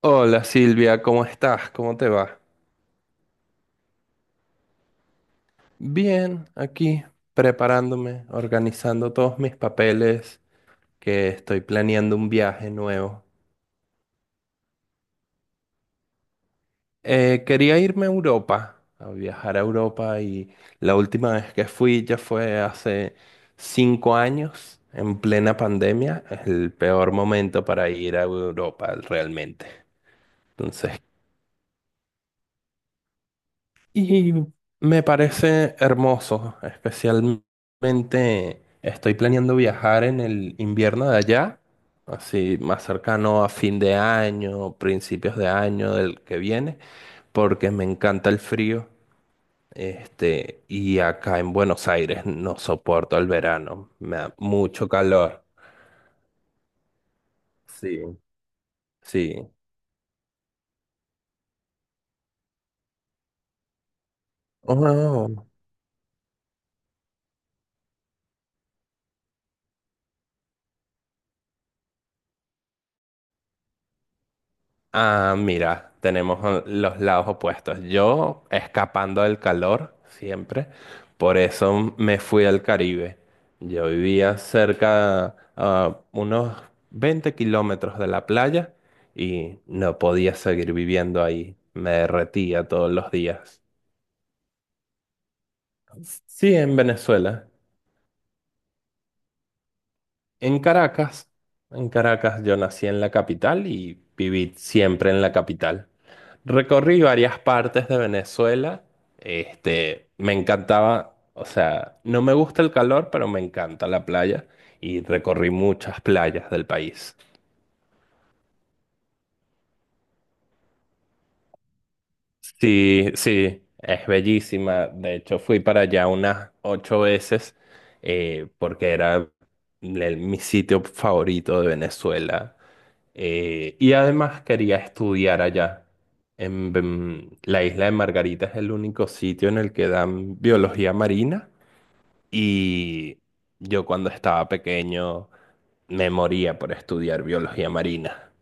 Hola Silvia, ¿cómo estás? ¿Cómo te va? Bien, aquí preparándome, organizando todos mis papeles, que estoy planeando un viaje nuevo. Quería irme a Europa, a viajar a Europa, y la última vez que fui ya fue hace 5 años, en plena pandemia, el peor momento para ir a Europa realmente. Entonces, y me parece hermoso, especialmente estoy planeando viajar en el invierno de allá, así más cercano a fin de año, principios de año del que viene, porque me encanta el frío. Este, y acá en Buenos Aires no soporto el verano, me da mucho calor. Sí, sí. Oh. Ah, mira, tenemos los lados opuestos. Yo escapando del calor siempre, por eso me fui al Caribe. Yo vivía cerca a unos 20 kilómetros de la playa y no podía seguir viviendo ahí. Me derretía todos los días. Sí, en Venezuela, en Caracas. En Caracas yo nací en la capital y viví siempre en la capital. Recorrí varias partes de Venezuela. Este, me encantaba, o sea, no me gusta el calor, pero me encanta la playa, y recorrí muchas playas del país. Sí, sí, es bellísima. De hecho, fui para allá unas 8 veces, porque era mi sitio favorito de Venezuela. Y además quería estudiar allá. La isla de Margarita es el único sitio en el que dan biología marina. Y yo cuando estaba pequeño me moría por estudiar biología marina.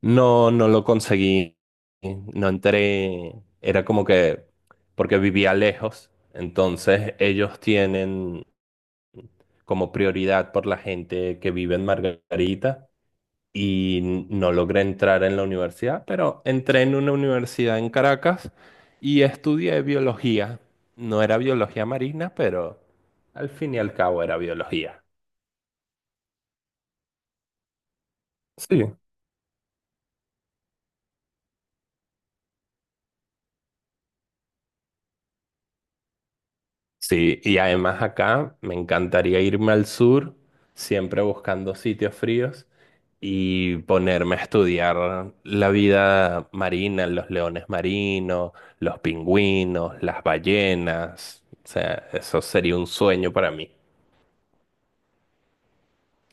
No, no lo conseguí, no entré, era como que, porque vivía lejos, entonces ellos tienen como prioridad por la gente que vive en Margarita, y no logré entrar en la universidad, pero entré en una universidad en Caracas y estudié biología. No era biología marina, pero al fin y al cabo era biología. Sí. Sí, y además acá me encantaría irme al sur, siempre buscando sitios fríos y ponerme a estudiar la vida marina, los leones marinos, los pingüinos, las ballenas. O sea, eso sería un sueño para mí.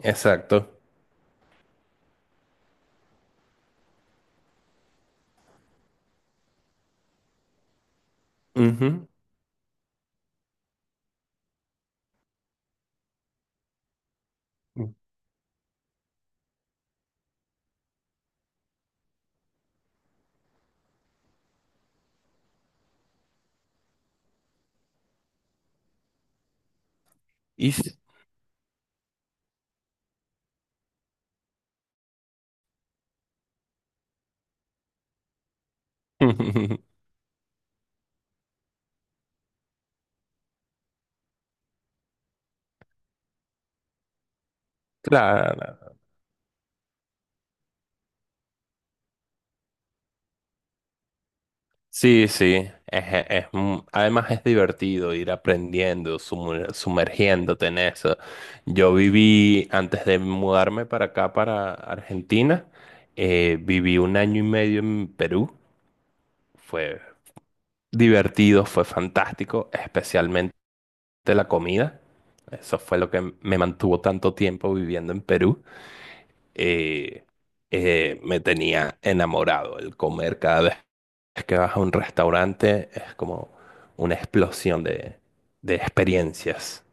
Exacto. Ujú. Y s- claro. Sí, sí, además es divertido ir aprendiendo, sumergiéndote en eso. Yo viví, antes de mudarme para acá, para Argentina, viví un año y medio en Perú. Fue divertido, fue fantástico, especialmente la comida. Eso fue lo que me mantuvo tanto tiempo viviendo en Perú. Eh, Me tenía enamorado el comer. Cada vez es que vas a un restaurante, es como una explosión de experiencias.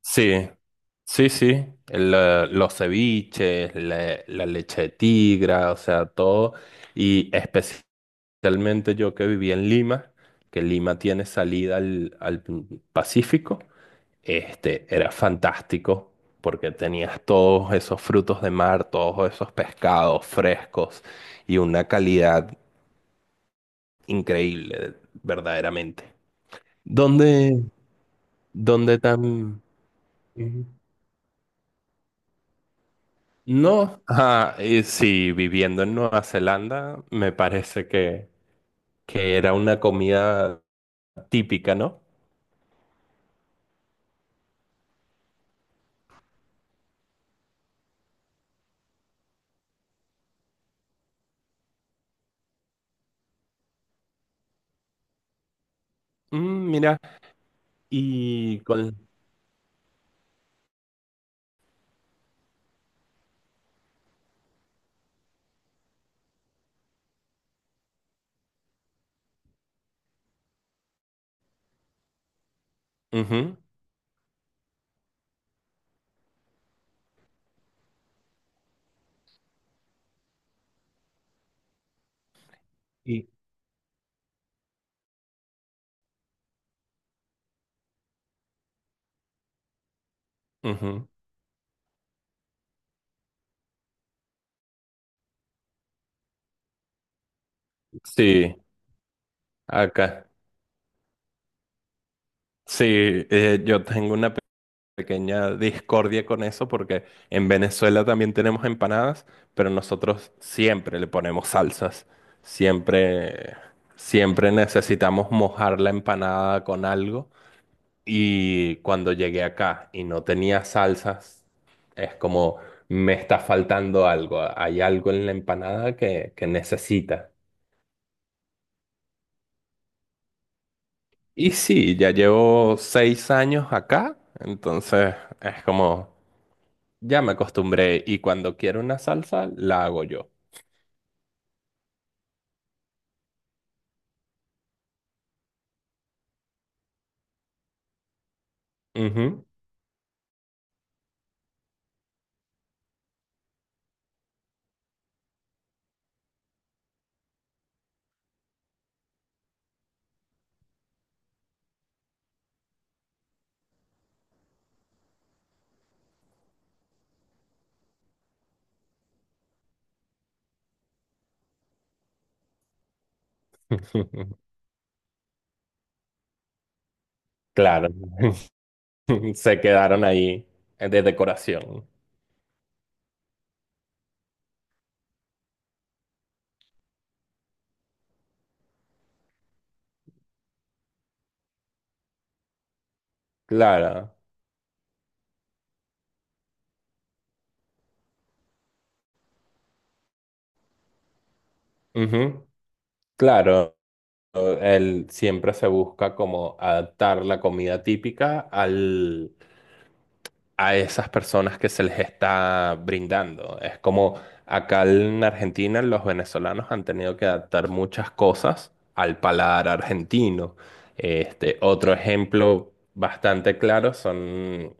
Sí, sí, sí. Los ceviches, la leche de tigra, o sea, todo. Y especialmente yo que viví en Lima, que Lima tiene salida al Pacífico. Este, era fantástico porque tenías todos esos frutos de mar, todos esos pescados frescos y una calidad increíble, verdaderamente. ¿Dónde, dónde tan...? Ujú. No, ah, y sí, viviendo en Nueva Zelanda, me parece que era una comida típica, ¿no? Mira, y con... Ujú, y- ujú. Sí, acá. Sí, yo tengo una pequeña discordia con eso porque en Venezuela también tenemos empanadas, pero nosotros siempre le ponemos salsas. Siempre, siempre necesitamos mojar la empanada con algo. Y cuando llegué acá y no tenía salsas, es como me está faltando algo. Hay algo en la empanada que necesita. Y sí, ya llevo 6 años acá, entonces es como ya me acostumbré, y cuando quiero una salsa, la hago yo. Ujú. Claro, se quedaron ahí, de decoración. Claro. Ujú. Claro, él siempre se busca como adaptar la comida típica al a esas personas que se les está brindando. Es como acá en Argentina los venezolanos han tenido que adaptar muchas cosas al paladar argentino. Este, otro ejemplo bastante claro son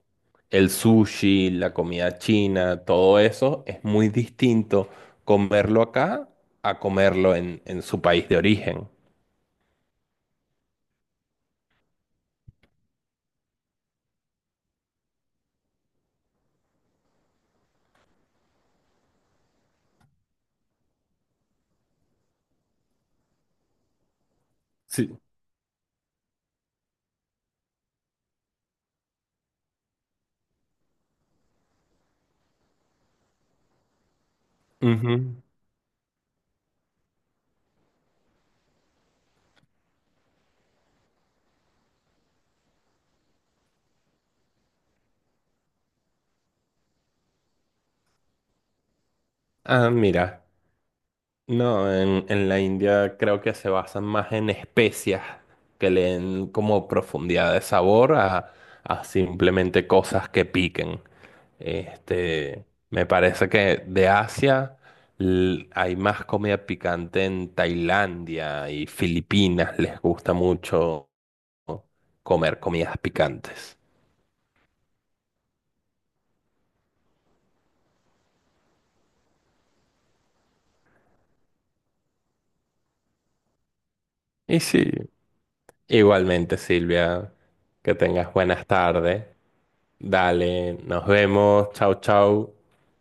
el sushi, la comida china. Todo eso es muy distinto comerlo acá a comerlo en su país de origen. Sí. Ujú. Ah, mira. No, en la India creo que se basan más en especias que le den como profundidad de sabor a, simplemente cosas que piquen. Este, me parece que de Asia hay más comida picante en Tailandia y Filipinas, les gusta mucho comer comidas picantes. Y sí, igualmente Silvia, que tengas buenas tardes. Dale, nos vemos, chau chau.